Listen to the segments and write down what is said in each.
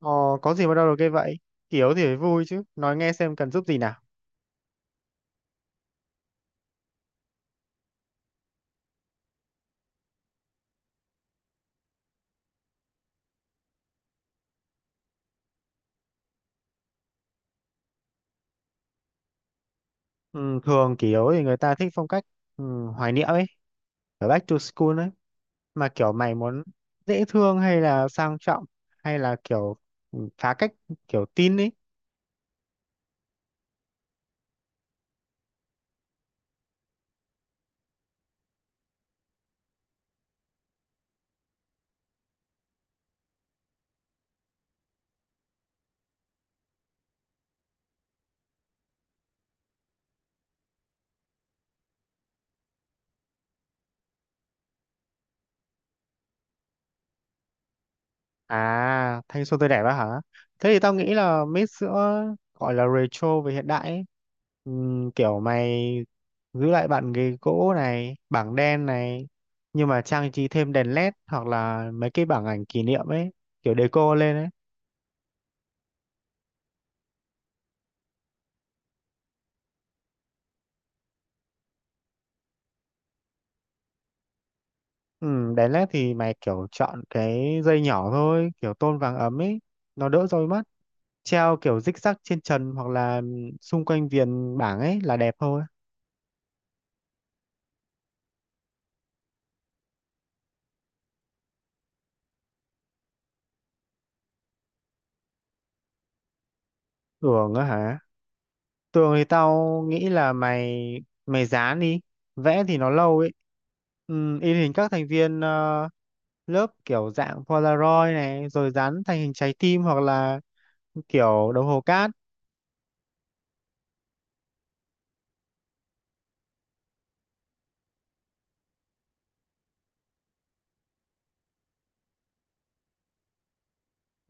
Ờ, có gì mà đâu được cái vậy? Kỷ yếu thì phải vui chứ. Nói nghe xem cần giúp gì nào. Ừ, thường kỷ yếu thì người ta thích phong cách ừ, hoài niệm ấy, kiểu back to school ấy. Mà kiểu mày muốn dễ thương hay là sang trọng hay là kiểu phá cách kiểu teen ấy. À, thanh xuân tươi đẹp á hả? Thế thì tao nghĩ là mix giữa gọi là retro với hiện đại ấy. Kiểu mày giữ lại bàn ghế gỗ này, bảng đen này, nhưng mà trang trí thêm đèn LED hoặc là mấy cái bảng ảnh kỷ niệm ấy, kiểu deco lên ấy. Đèn LED thì mày kiểu chọn cái dây nhỏ thôi, kiểu tôn vàng ấm ấy, nó đỡ rối mắt. Treo kiểu rích rắc trên trần hoặc là xung quanh viền bảng ấy là đẹp thôi. Tưởng á hả? Tường thì tao nghĩ là mày mày dán đi, vẽ thì nó lâu ấy. Ừ, in hình các thành viên lớp kiểu dạng Polaroid này, rồi dán thành hình trái tim hoặc là kiểu đồng hồ cát.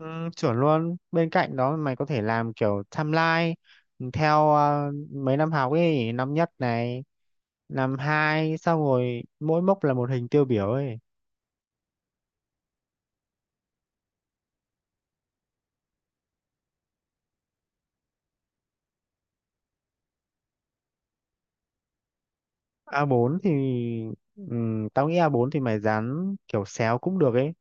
Ừ, chuẩn luôn. Bên cạnh đó mày có thể làm kiểu timeline theo mấy năm học ấy, năm nhất này, năm hai, xong rồi mỗi mốc là một hình tiêu biểu ấy. A4 thì ừ, tao nghĩ A4 thì mày dán kiểu xéo cũng được ấy.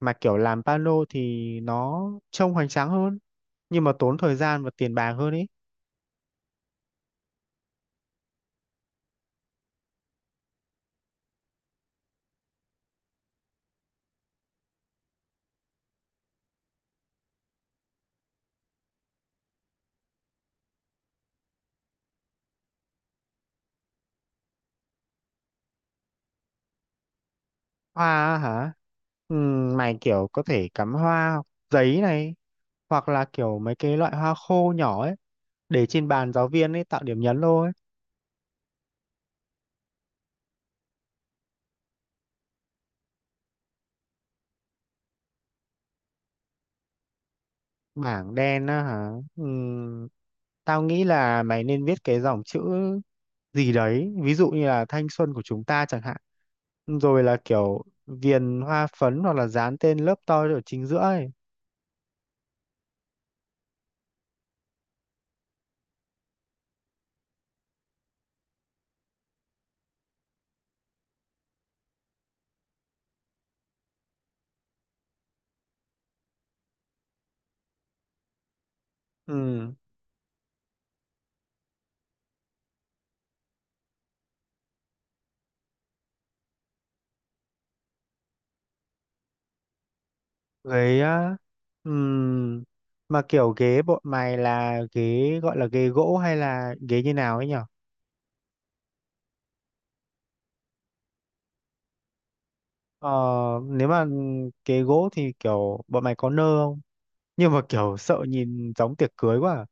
Mà kiểu làm pano thì nó trông hoành tráng hơn nhưng mà tốn thời gian và tiền bạc hơn ấy. Hoa á hả? Mày kiểu có thể cắm hoa hoặc giấy này hoặc là kiểu mấy cái loại hoa khô nhỏ ấy để trên bàn giáo viên ấy tạo điểm nhấn thôi. Bảng đen á hả? Ừm, Tao nghĩ là mày nên viết cái dòng chữ gì đấy ví dụ như là thanh xuân của chúng ta chẳng hạn rồi là kiểu viền hoa phấn hoặc là dán tên lớp tôi ở chính giữa ấy. Ừ. Ghế á? ừm, mà kiểu ghế bọn mày là ghế gọi là ghế gỗ hay là ghế như nào ấy nhở? ờ, Nếu mà ghế gỗ thì kiểu bọn mày có nơ không? Nhưng mà kiểu sợ nhìn giống tiệc cưới quá à.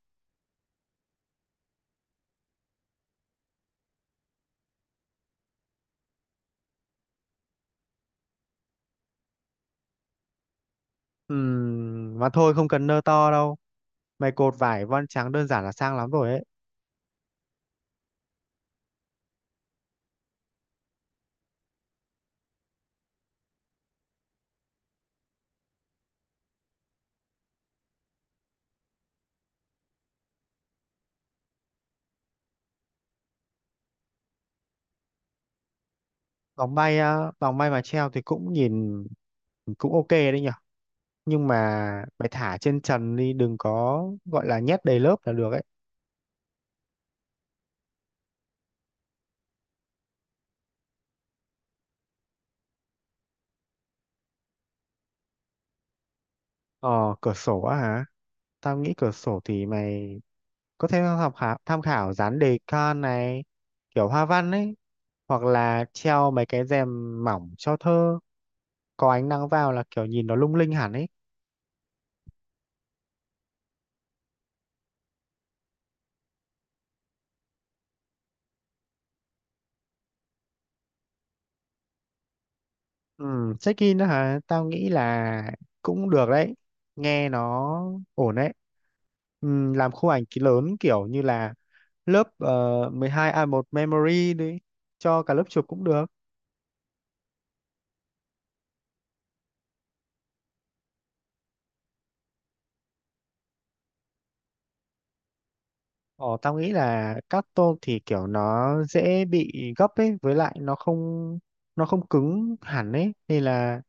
Mà thôi không cần nơ to đâu mày cột vải voan trắng đơn giản là sang lắm rồi ấy. Vòng bay á, vòng bay mà treo thì cũng nhìn cũng ok đấy nhở. Nhưng mà mày thả trên trần đi đừng có gọi là nhét đầy lớp là được ấy. Ờ, cửa sổ á hả? Tao nghĩ cửa sổ thì mày có thể tham khảo dán đề can này, kiểu hoa văn ấy, hoặc là treo mấy cái rèm mỏng cho thơ, có ánh nắng vào là kiểu nhìn nó lung linh hẳn ấy. Ừ, check-in đó hả? Tao nghĩ là cũng được đấy, nghe nó ổn đấy. Ừ, làm khu ảnh ký lớn kiểu như là lớp 12A1 Memory đi, cho cả lớp chụp cũng được. Ồ, tao nghĩ là các tôm thì kiểu nó dễ bị gấp ấy, với lại nó không cứng hẳn ấy, nên là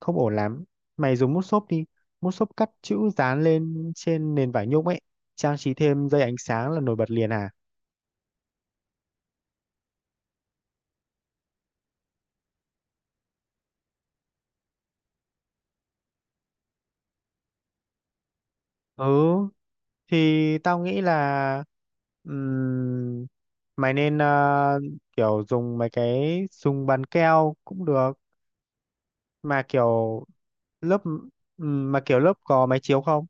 không ổn lắm. Mày dùng mút xốp đi, mút xốp cắt chữ dán lên trên nền vải nhung ấy, trang trí thêm dây ánh sáng là nổi bật liền à? Ừ, thì tao nghĩ là ừm, mày nên kiểu dùng mấy cái dùng bàn keo cũng được, mà kiểu lớp mà kiểu lớp có máy chiếu không?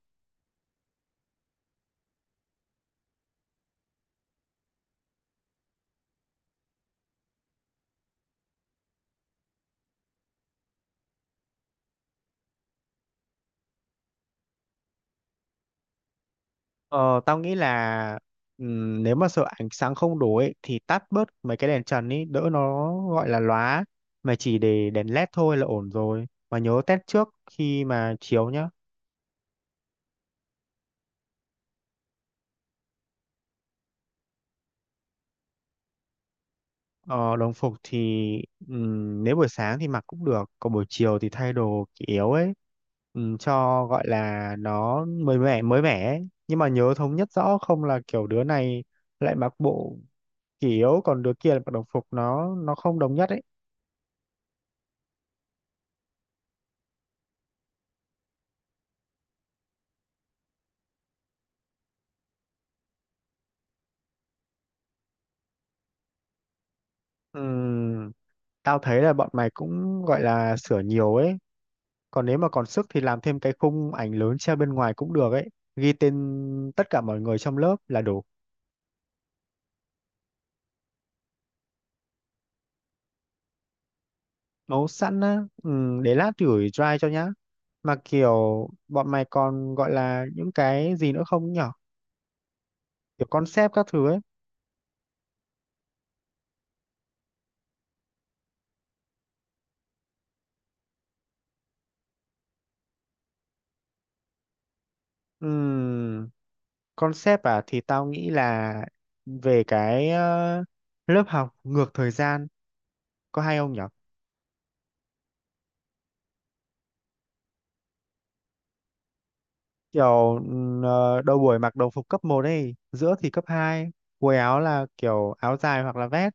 Ờ, tao nghĩ là nếu mà sợ ánh sáng không đủ ấy, thì tắt bớt mấy cái đèn trần ấy, đỡ nó gọi là lóa. Mà chỉ để đèn LED thôi là ổn rồi. Mà nhớ test trước khi mà chiếu nhá. Ờ, đồng phục thì nếu buổi sáng thì mặc cũng được, còn buổi chiều thì thay đồ kỷ yếu ấy. Cho gọi là nó mới mẻ ấy. Nhưng mà nhớ thống nhất rõ không là kiểu đứa này lại mặc bộ kỷ yếu còn đứa kia lại mặc đồng phục nó không đồng nhất ấy. Ừm, Tao thấy là bọn mày cũng gọi là sửa nhiều ấy. Còn nếu mà còn sức thì làm thêm cái khung ảnh lớn treo bên ngoài cũng được ấy. Ghi tên tất cả mọi người trong lớp là đủ. Nấu sẵn á. Ừ, để lát gửi drive cho nhá. Mà kiểu bọn mày còn gọi là những cái gì nữa không nhở? Kiểu concept các thứ ấy. Ừ, concept à thì tao nghĩ là về cái lớp học ngược thời gian có hay không nhở? Kiểu đầu buổi mặc đồng phục cấp một ấy giữa thì cấp 2, quần áo là kiểu áo dài hoặc là vest.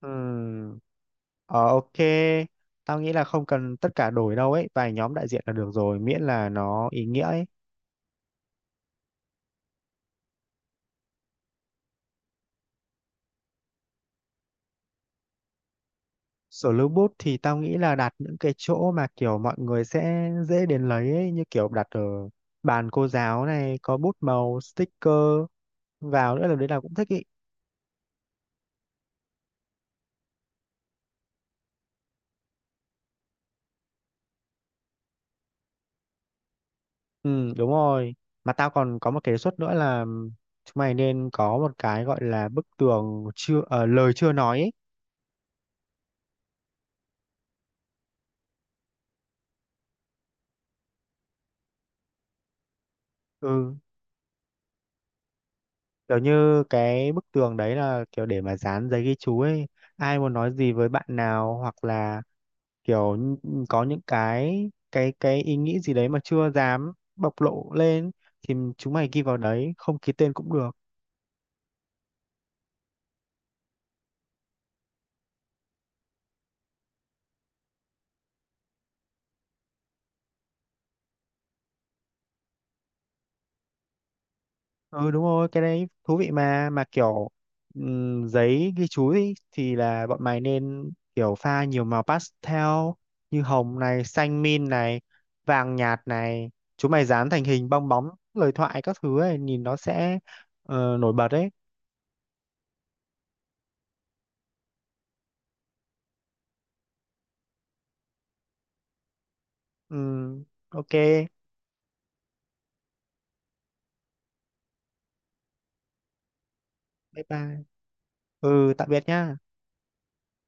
Ừm, ok, tao nghĩ là không cần tất cả đổi đâu ấy vài nhóm đại diện là được rồi miễn là nó ý nghĩa ấy. Sổ lưu bút thì tao nghĩ là đặt những cái chỗ mà kiểu mọi người sẽ dễ đến lấy ấy như kiểu đặt ở bàn cô giáo này có bút màu sticker vào nữa là đấy là cũng thích ý. Ừ, đúng rồi. Mà tao còn có một cái đề xuất nữa là chúng mày nên có một cái gọi là bức tường chưa ờ, lời chưa nói ấy. Ừ, kiểu như cái bức tường đấy là kiểu để mà dán giấy ghi chú ấy. Ai muốn nói gì với bạn nào hoặc là kiểu có những cái ý nghĩ gì đấy mà chưa dám bộc lộ lên thì chúng mày ghi vào đấy, không ký tên cũng được. Ừ đúng rồi cái đấy thú vị mà kiểu giấy ghi chú ý, thì là bọn mày nên kiểu pha nhiều màu pastel như hồng này xanh min này vàng nhạt này chúng mày dán thành hình bong bóng lời thoại các thứ ấy nhìn nó sẽ nổi bật đấy. Ừm, ok, bye bye. Ừ, tạm biệt nhá.